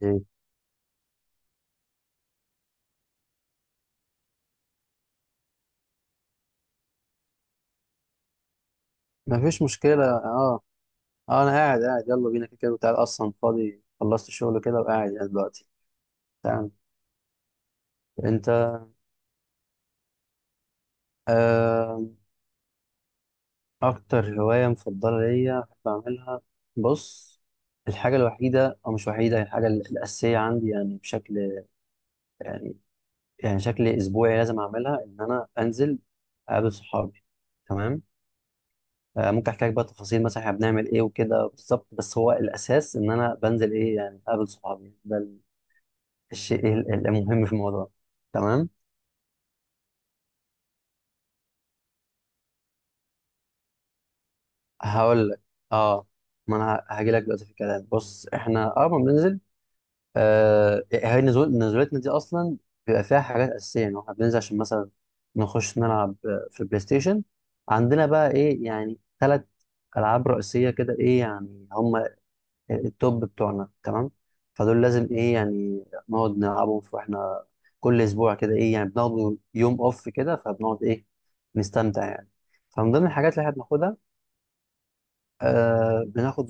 مم. مفيش مشكلة اه. اه انا قاعد، يلا بينا، كده كده وتعال، اصلا فاضي خلصت الشغل كده وقاعد يعني دلوقتي. تمام. انت؟ آه، اكتر هواية مفضلة ليا بحب اعملها، بص، الحاجة الوحيدة او مش وحيدة، هي الحاجة الاساسية عندي، يعني بشكل، يعني يعني شكل اسبوعي لازم اعملها، ان انا انزل اقابل صحابي. تمام. آه، ممكن احكي لك بقى تفاصيل مثلا احنا بنعمل ايه وكده بالظبط، بس هو الاساس ان انا بنزل ايه يعني اقابل صحابي، ده الشيء المهم في الموضوع. تمام. هقول لك، اه، ما انا هاجي لك دلوقتي في الكلام. بص احنا ما بننزل، آه، هي نزول نزولتنا دي اصلا بيبقى فيها حاجات اساسيه، يعني احنا بننزل عشان مثلا نخش نلعب، في البلاي ستيشن. عندنا بقى ايه يعني ثلاث العاب رئيسيه كده، ايه يعني هم التوب بتوعنا، تمام؟ فدول لازم ايه يعني نقعد واحنا كل اسبوع كده ايه يعني بناخد يوم اوف كده، فبنقعد ايه نستمتع يعني. فمن ضمن الحاجات اللي احنا بناخدها، آه، بناخد،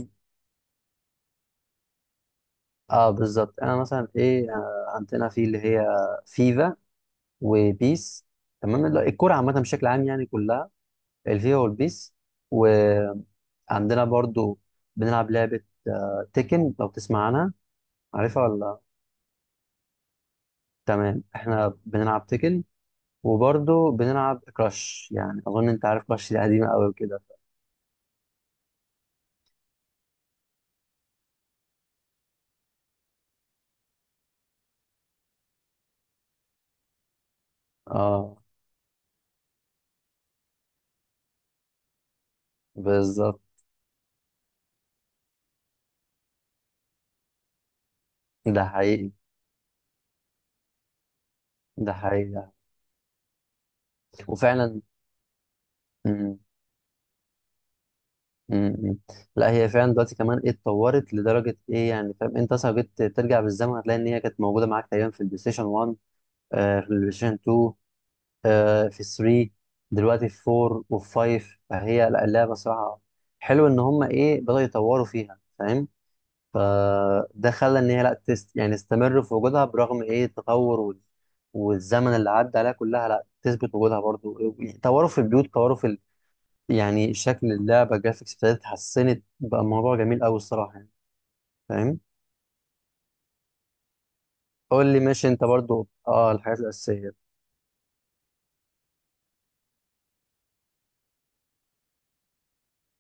اه بالظبط، انا مثلا ايه، آه، عندنا في اللي هي فيفا وبيس، تمام. لا، الكرة عامة بشكل عام يعني، كلها الفيفا والبيس. وعندنا برضو بنلعب لعبة، آه، تيكن، لو تسمع عنها، عارفها ولا؟ تمام، احنا بنلعب تيكن، وبرضه بنلعب كراش، يعني أظن أنت عارف كراش، دي قديمة أوي كده. اه بالظبط. ده حقيقي، ده حقيقي يعني. وفعلا. م- م- م. لا هي فعلا دلوقتي كمان ايه، اتطورت لدرجة ايه يعني، فاهم؟ انت اصلا لو جيت ترجع بالزمن، هتلاقي ان هي كانت موجودة معاك تقريبا في البلاي ستيشن 1، آه في البلاي ستيشن 2، آه في 3، دلوقتي في 4 وفي 5. فهي لا، اللعبة صراحة حلو ان هم ايه بدأوا يطوروا فيها، فاهم؟ فده خلى ان هي لا تست يعني تستمر في وجودها، برغم ايه التطور والزمن اللي عدى عليها كلها، لا تثبت وجودها برضو. طوروا في البيوت، طوروا في ال... يعني شكل اللعبه، الجرافيكس ابتدت اتحسنت، بقى الموضوع جميل قوي الصراحه يعني. فاهم. قول لي ماشي، انت برضو اه الحاجات الاساسيه.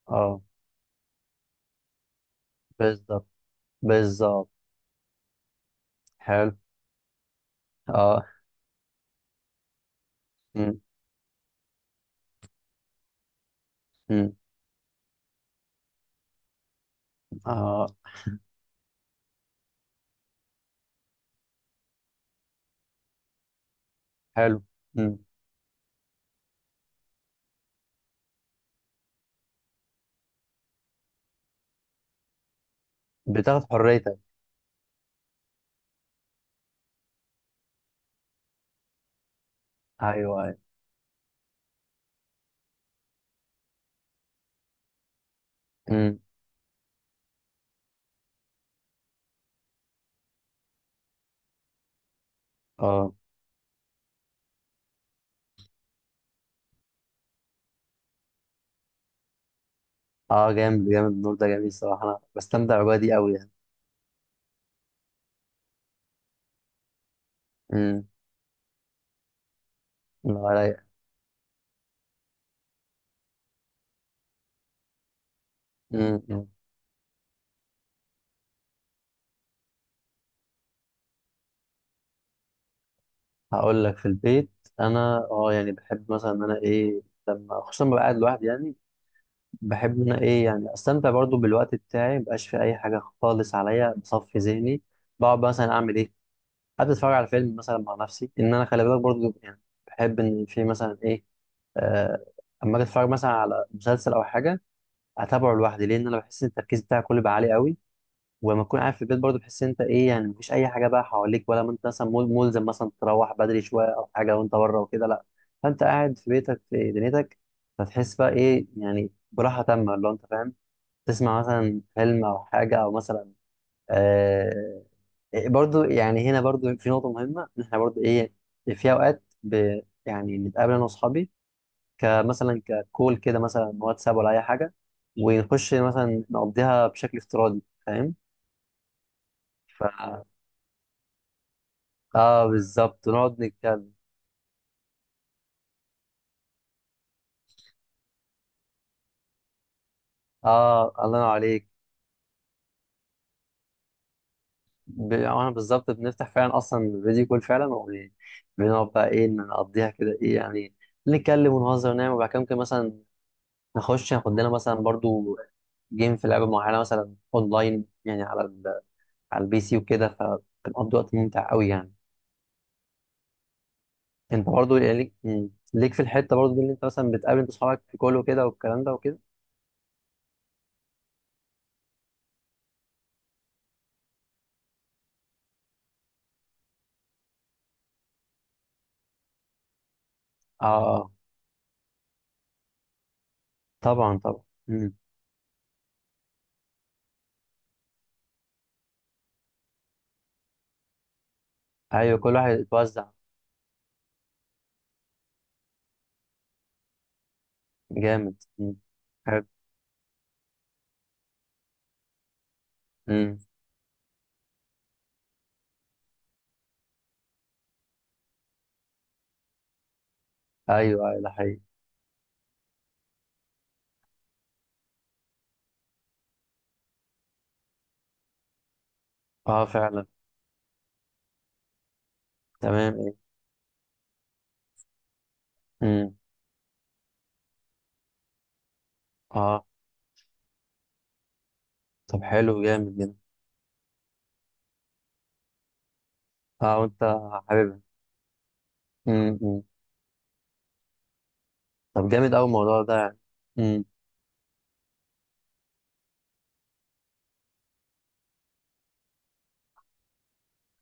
اه بالظبط. بالظبط. حلو. اه. م. م. اه. حلو. م. بتاخد حريتك. ايوه ايوه. م. اه. اه جامد جامد، النور ده جميل صراحه، انا بستمتع بالأجواء دي قوي. امم. رايق. امم. هقول لك في البيت، انا اه يعني بحب مثلا ان انا ايه، لما خصوصا لما ببقى قاعد لوحدي يعني، بحب ان انا ايه يعني استمتع برضو بالوقت بتاعي، مبقاش في اي حاجه خالص عليا، بصفي ذهني. بقعد مثلا اعمل ايه، قاعد اتفرج على فيلم مثلا مع نفسي، ان انا خلي بالك برضو يعني، بحب ان في مثلا ايه، آه، اما اجي اتفرج مثلا على مسلسل او حاجه، اتابعه لوحدي، لان انا بحس ان التركيز بتاعي كله بقى عالي قوي. ولما تكون قاعد في البيت برضه، بتحس إن انت ايه يعني مفيش اي حاجه بقى حواليك، ولا ما انت مثلا ملزم مثلا تروح بدري شويه او حاجه وانت بره وكده، لا، فانت قاعد في بيتك في دنيتك، فتحس بقى ايه يعني براحه تامه، اللي هو انت فاهم، تسمع مثلا فيلم او حاجه او مثلا، آه، برضو يعني. هنا برضو في نقطة مهمة، إن إحنا برضو إيه في أوقات ب يعني نتقابل أنا وأصحابي، كمثلا ككول كده مثلا، واتساب ولا أي حاجة، ونخش مثلا نقضيها بشكل افتراضي، فاهم؟ اه بالظبط، ونقعد نتكلم. اه الله ينور عليك. ب- واحنا بالظبط بنفتح فعلا اصلا فيديو كول فعلا، وبنقعد بقى ايه نقضيها كده، ايه يعني نتكلم ونهزر ونعمل، وبعد كده ممكن مثلا نخش ناخد لنا مثلا برضو جيم في لعبه معينه مثلا اونلاين، يعني على ال... على البي سي وكده. فبنقضي وقت ممتع قوي يعني. انت برضو يعني ليك ليك في الحته برضو دي، اللي انت مثلا بتقابل انت اصحابك في كله كده والكلام ده وكده. اه. آه. طبعا طبعا. مم. ايوه كل واحد يتوزع. جامد. مم. امم. ايوه ايوه ده حقيقي. اه فعلا. تمام ايه. امم. اه طب حلو، جامد جدا. اه وانت حاببها. امم. أمم. طب جامد قوي الموضوع ده يعني. امم.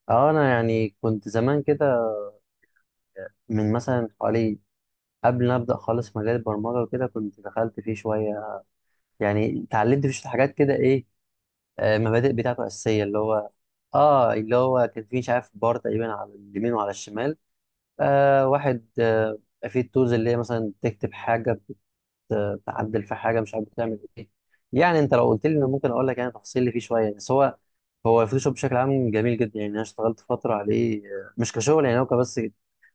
اه يعني كنت زمان كده، من مثلا حوالي، قبل ما ابدا خالص مجال البرمجه وكده، كنت دخلت فيه شويه، يعني اتعلمت فيه شوية حاجات كده ايه، آه، مبادئ بتاعته اساسيه، اللي هو. اه، اللي هو كان فيه مش عارف بار تقريبا على اليمين وعلى الشمال، آه واحد آه في التولز، اللي هي مثلا تكتب حاجه، تعدل في حاجه، مش عارف بتعمل ايه. يعني انت لو قلت لي انا ممكن اقول لك يعني تفاصيل اللي فيه شويه، بس هو، هو الفوتوشوب بشكل عام جميل جدا يعني. انا اشتغلت فتره عليه، آه، مش كشغل يعني، هو كبس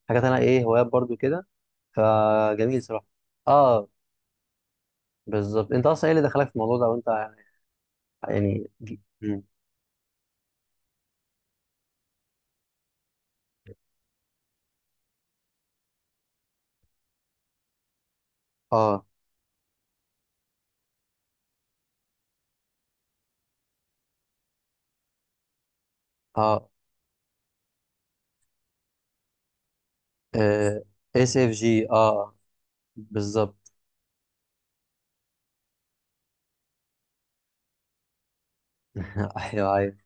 حاجات انا ايه هوايات برضو كده. فجميل صراحه. اه بالظبط. انت اصلا ايه اللي دخلك في الموضوع ده وانت؟ يعني ج- مم. اه. اه اس اف جي، اه بالظبط. ايوه ايوه.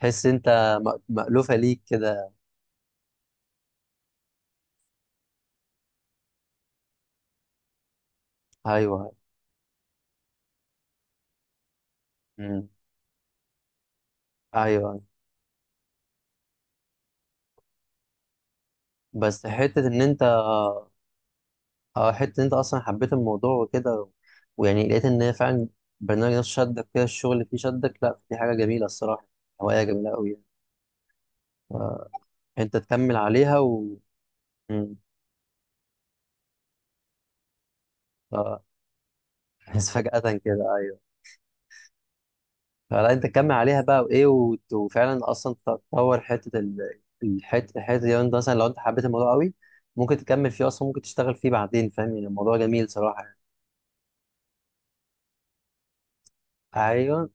تحس انت م- مألوفه ليك كده. ايوه. مم. ايوه. بس حته ان انت، اه حتة إن انت اصلا حبيت الموضوع وكده و- ويعني لقيت ان هي فعلا برنامج نفسه شدك كده، الشغل اللي فيه شدك، لا دي حاجة جميلة الصراحة، هواية جميلة قوي يعني. فانت تكمل عليها و مم. اه. بس فجأة كده ايوه. فلا انت تكمل عليها بقى وايه، وفعلا اصلا تطور حتة الحتة، الحتة دي انت مثلا لو انت حبيت الموضوع قوي، ممكن تكمل فيه اصلا، ممكن تشتغل فيه بعدين، فاهم يعني؟ الموضوع جميل صراحة يعني. ايوه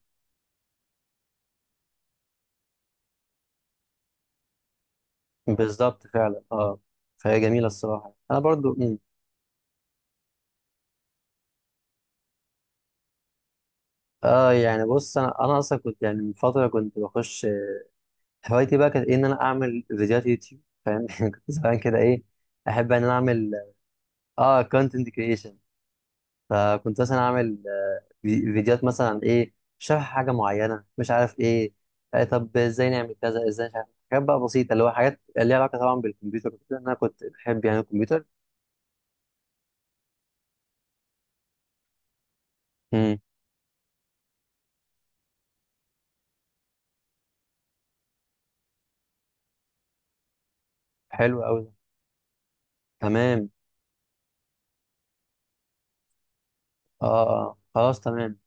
بالظبط فعلا، اه. فهي جميلة الصراحة، انا برضو. اه يعني بص، انا اصلا كنت يعني من فتره كنت بخش، هوايتي بقى كانت إيه ان انا اعمل فيديوهات يوتيوب، فاهم؟ يعني كنت زمان كده ايه احب ان انا اعمل، اه كونتنت كريشن. فكنت مثلا اعمل، آه، فيديوات مثلا عن ايه، شرح حاجه معينه مش عارف ايه، آه طب ازاي نعمل كذا ازاي، مش عارف، حاجات بقى بسيطه، اللي هو حاجات ليها علاقه طبعا بالكمبيوتر وكده، إن انا كنت بحب يعني الكمبيوتر. امم. حلو قوي. تمام. اه اه آه، خلاص تمام.